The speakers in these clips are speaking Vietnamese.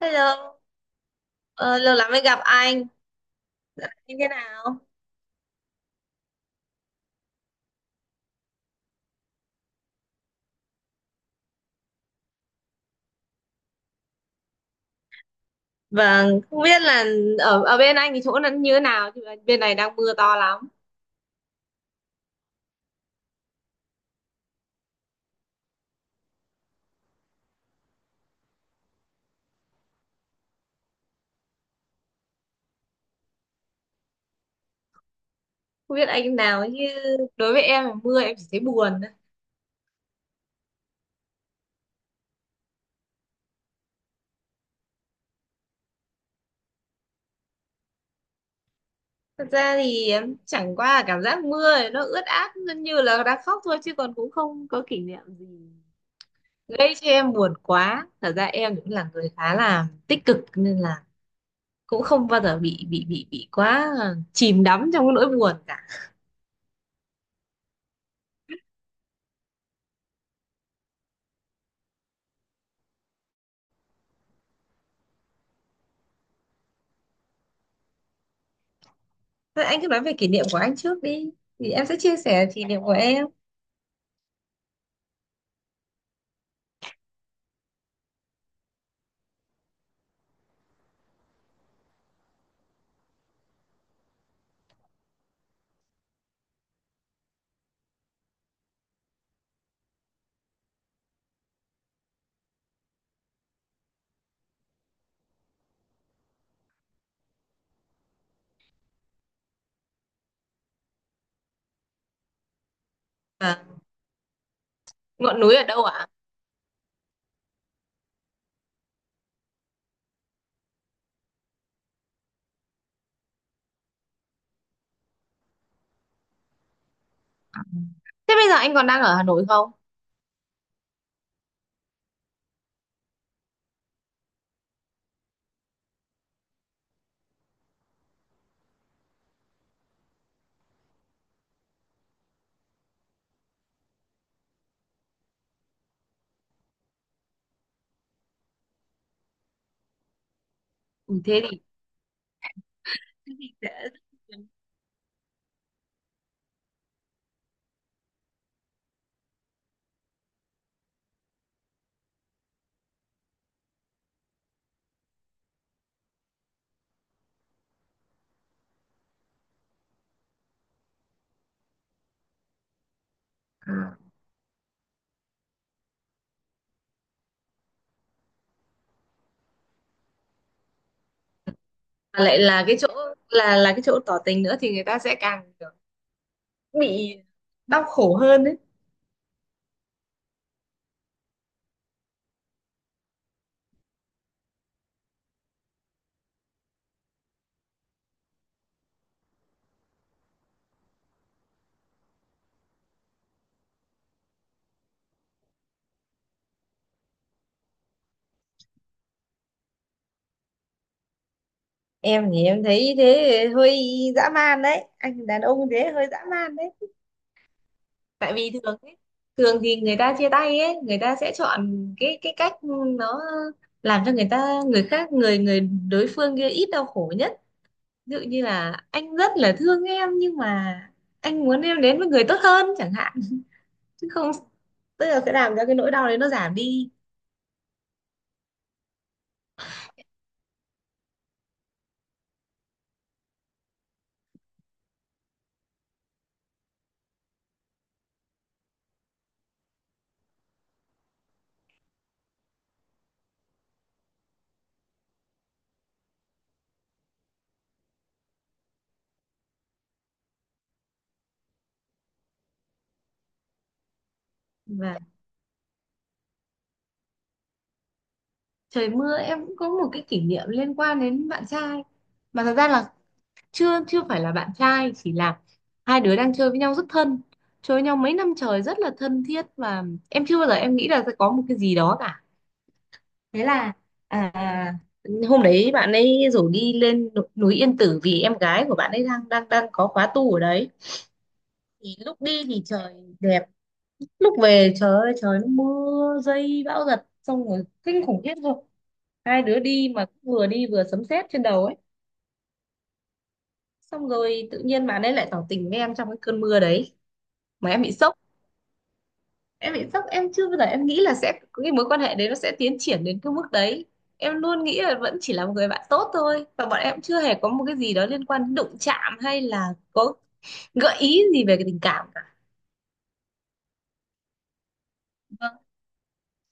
Hello, lâu lắm mới gặp anh. Dạo như thế nào? Vâng, không biết là ở ở bên anh thì chỗ nó như thế nào, chứ bên này đang mưa to lắm. Không biết anh nào chứ đối với em là mưa em chỉ thấy buồn thôi. Thật ra thì em chẳng qua là cảm giác mưa thì nó ướt át, nó như là đang khóc thôi, chứ còn cũng không có kỷ niệm gì gây cho em buồn quá. Thật ra em cũng là người khá là tích cực nên là cũng không bao giờ bị quá chìm đắm trong cái nỗi buồn cả. Thôi anh cứ nói về kỷ niệm của anh trước đi thì em sẽ chia sẻ kỷ niệm của em. À, ngọn núi ở đâu ạ? Thế bây giờ anh còn đang ở Hà Nội không? Ừ, thế thì sẽ... Mà lại là cái chỗ, là cái chỗ tỏ tình nữa thì người ta sẽ càng kiểu bị đau khổ hơn đấy. Em thì em thấy thế hơi dã man đấy, anh đàn ông thế hơi dã man đấy. Tại vì thường ấy, thường thì người ta chia tay ấy, người ta sẽ chọn cái cách nó làm cho người ta, người khác, người người đối phương kia ít đau khổ nhất. Ví dụ như là anh rất là thương em nhưng mà anh muốn em đến với người tốt hơn chẳng hạn, chứ không, tức là sẽ làm cho cái nỗi đau đấy nó giảm đi. Và trời mưa em cũng có một cái kỷ niệm liên quan đến bạn trai, mà thật ra là chưa chưa phải là bạn trai, chỉ là hai đứa đang chơi với nhau rất thân, chơi với nhau mấy năm trời rất là thân thiết, và em chưa bao giờ em nghĩ là sẽ có một cái gì đó cả. Thế là, à, hôm đấy bạn ấy rủ đi lên núi Yên Tử vì em gái của bạn ấy đang đang đang có khóa tu ở đấy. Thì lúc đi thì trời đẹp, lúc về trời ơi, trời nó mưa dây bão giật xong rồi kinh khủng khiếp luôn. Hai đứa đi mà cũng vừa đi vừa sấm sét trên đầu ấy. Xong rồi tự nhiên bạn ấy lại tỏ tình với em trong cái cơn mưa đấy, mà em bị sốc, em bị sốc, em chưa bao giờ em nghĩ là sẽ cái mối quan hệ đấy nó sẽ tiến triển đến cái mức đấy. Em luôn nghĩ là vẫn chỉ là một người bạn tốt thôi, và bọn em chưa hề có một cái gì đó liên quan đến đụng chạm hay là có gợi ý gì về cái tình cảm cả. Vâng,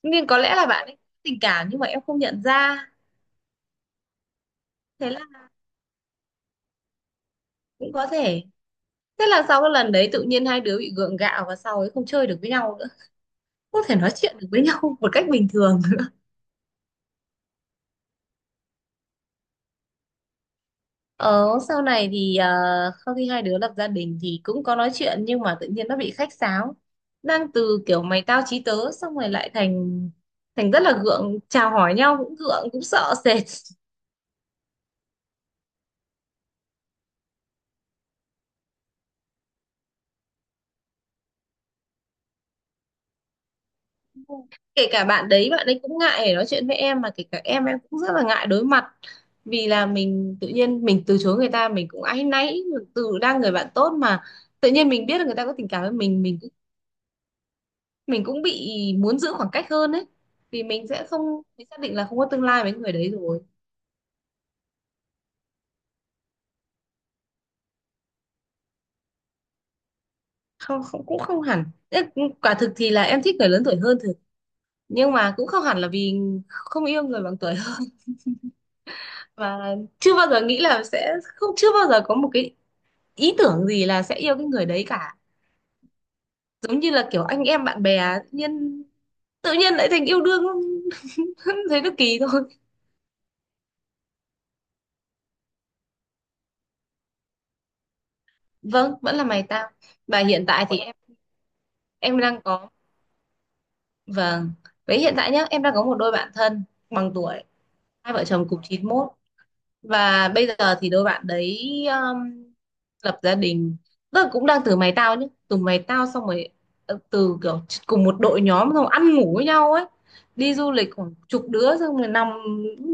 nhưng có lẽ là bạn ấy có tình cảm nhưng mà em không nhận ra. Thế là cũng có thể, thế là sau cái lần đấy tự nhiên hai đứa bị gượng gạo và sau ấy không chơi được với nhau nữa. Không thể nói chuyện được với nhau một cách bình thường. Ờ, sau này thì sau khi hai đứa lập gia đình thì cũng có nói chuyện nhưng mà tự nhiên nó bị khách sáo. Đang từ kiểu mày tao chí tớ xong rồi lại thành thành rất là gượng, chào hỏi nhau cũng gượng, cũng sợ sệt. Kể cả bạn đấy, bạn ấy cũng ngại để nói chuyện với em, mà kể cả em cũng rất là ngại đối mặt. Vì là mình tự nhiên mình từ chối người ta mình cũng áy náy. Từ đang người bạn tốt mà tự nhiên mình biết là người ta có tình cảm với mình, mình cũng bị muốn giữ khoảng cách hơn ấy. Vì mình sẽ không, mình xác định là không có tương lai với người đấy rồi. Không, không, cũng không hẳn. Ê, quả thực thì là em thích người lớn tuổi hơn thực. Nhưng mà cũng không hẳn là vì không yêu người bằng tuổi hơn. Và chưa bao giờ nghĩ là sẽ không, chưa bao giờ có một cái ý tưởng gì là sẽ yêu cái người đấy cả. Giống như là kiểu anh em bạn bè, tự nhiên lại thành yêu đương. Thấy nó kỳ thôi. Vâng, vẫn là mày tao. Và hiện tại thì em đang có, vâng, với hiện tại nhá, em đang có một đôi bạn thân bằng tuổi. Hai vợ chồng cùng 91. Và bây giờ thì đôi bạn đấy, um, lập gia đình, tức là cũng đang từ mày tao nhé, từ mày tao xong rồi, từ kiểu cùng một đội nhóm xong ăn ngủ với nhau ấy, đi du lịch khoảng chục đứa xong rồi nằm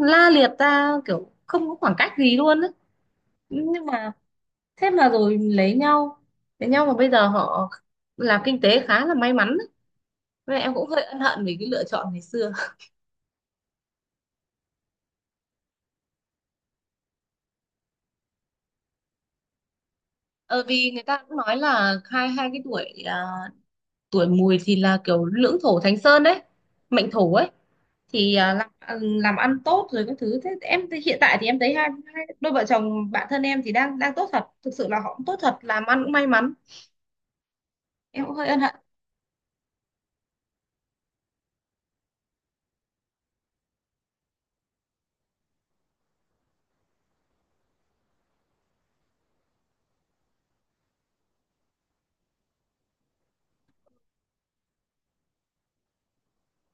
la liệt ra kiểu không có khoảng cách gì luôn ấy. Nhưng mà thế mà rồi lấy nhau, lấy nhau mà bây giờ họ làm kinh tế khá là may mắn ấy. Vậy em cũng hơi ân hận vì cái lựa chọn ngày xưa. Ờ, vì người ta cũng nói là hai hai cái tuổi, à, tuổi mùi thì là kiểu lưỡng thổ thánh sơn đấy, mệnh thổ ấy thì, à, làm, làm ăn tốt rồi các thứ. Thế em thì hiện tại thì em thấy hai đôi vợ chồng bạn thân em thì đang đang tốt thật, thực sự là họ cũng tốt thật, làm ăn cũng may mắn. Em cũng hơi ân hận.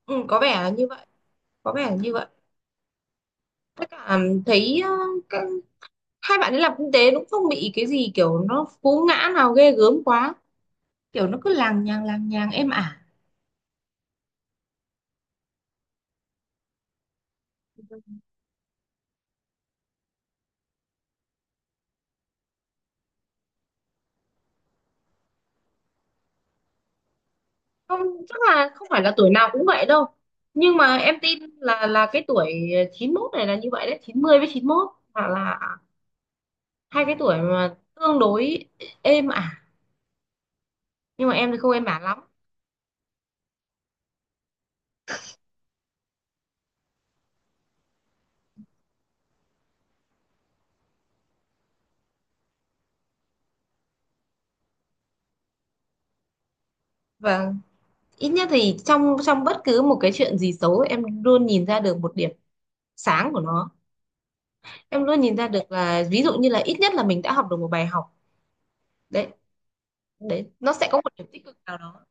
Ừ, có vẻ là như vậy, có vẻ là như vậy. Tất cả thấy, các, hai bạn ấy làm kinh tế cũng không bị cái gì kiểu nó cú ngã nào ghê gớm quá. Kiểu nó cứ làng nhàng êm ả. Không, chắc là không phải là tuổi nào cũng vậy đâu, nhưng mà em tin là cái tuổi 91 này là như vậy đấy. 90 với 91 hoặc là hai cái tuổi mà tương đối êm ả. Nhưng mà em thì không êm ả lắm. Và ít nhất thì trong trong bất cứ một cái chuyện gì xấu em luôn nhìn ra được một điểm sáng của nó. Em luôn nhìn ra được là ví dụ như là ít nhất là mình đã học được một bài học đấy, đấy nó sẽ có một điểm tích cực nào đó.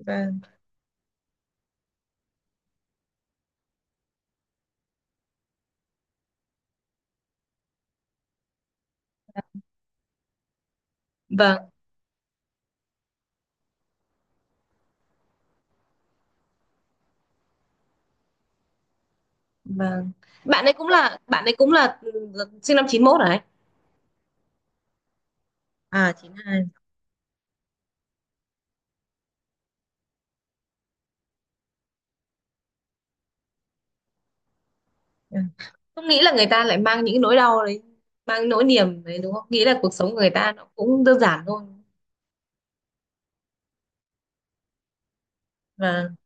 Vâng. Vâng. Vâng. Bạn ấy cũng là sinh năm 91 hả anh? À, 92. Ừ. Không nghĩ là người ta lại mang những nỗi đau đấy, mang nỗi niềm đấy, đúng không? Nghĩ là cuộc sống của người ta nó cũng đơn giản thôi. Vâng.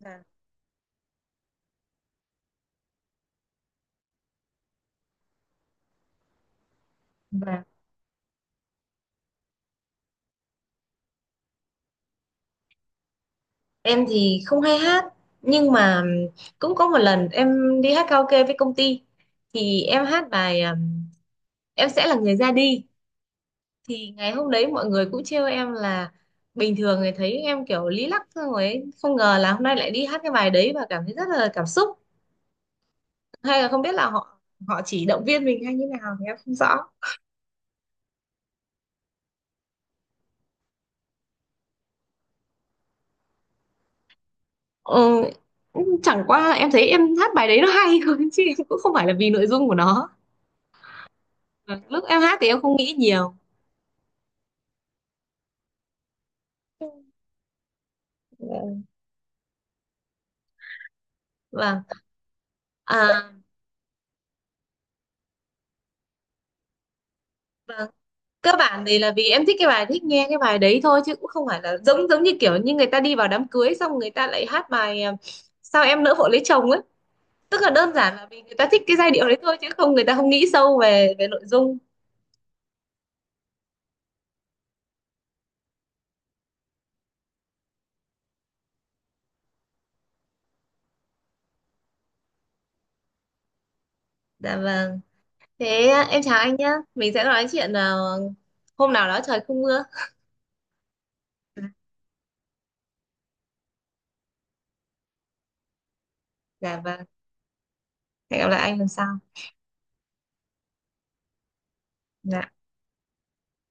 Vâng. Vâng. Em thì không hay hát, nhưng mà cũng có một lần em đi hát karaoke với công ty thì em hát bài Em sẽ là người ra đi. Thì ngày hôm đấy mọi người cũng trêu em là bình thường người thấy em kiểu lý lắc xong ấy. Không ngờ là hôm nay lại đi hát cái bài đấy và cảm thấy rất là cảm xúc, hay là không biết là họ họ chỉ động viên mình hay như nào thì em không rõ. Ừ, chẳng qua là em thấy em hát bài đấy nó hay thôi, chứ em cũng không phải là vì nội dung của nó. Lúc em hát thì em không nghĩ nhiều. Vâng. À, vâng. Cơ bản thì là vì em thích cái bài, thích nghe cái bài đấy thôi, chứ cũng không phải là giống, giống như kiểu như người ta đi vào đám cưới xong người ta lại hát bài, à, sao em nỡ vội lấy chồng ấy. Tức là đơn giản là vì người ta thích cái giai điệu đấy thôi, chứ không, người ta không nghĩ sâu về về nội dung. Dạ vâng. Thế à, em chào anh nhá, mình sẽ nói chuyện, à, hôm nào đó trời không mưa. Dạ vâng. Hẹn gặp lại anh lần sau. Dạ.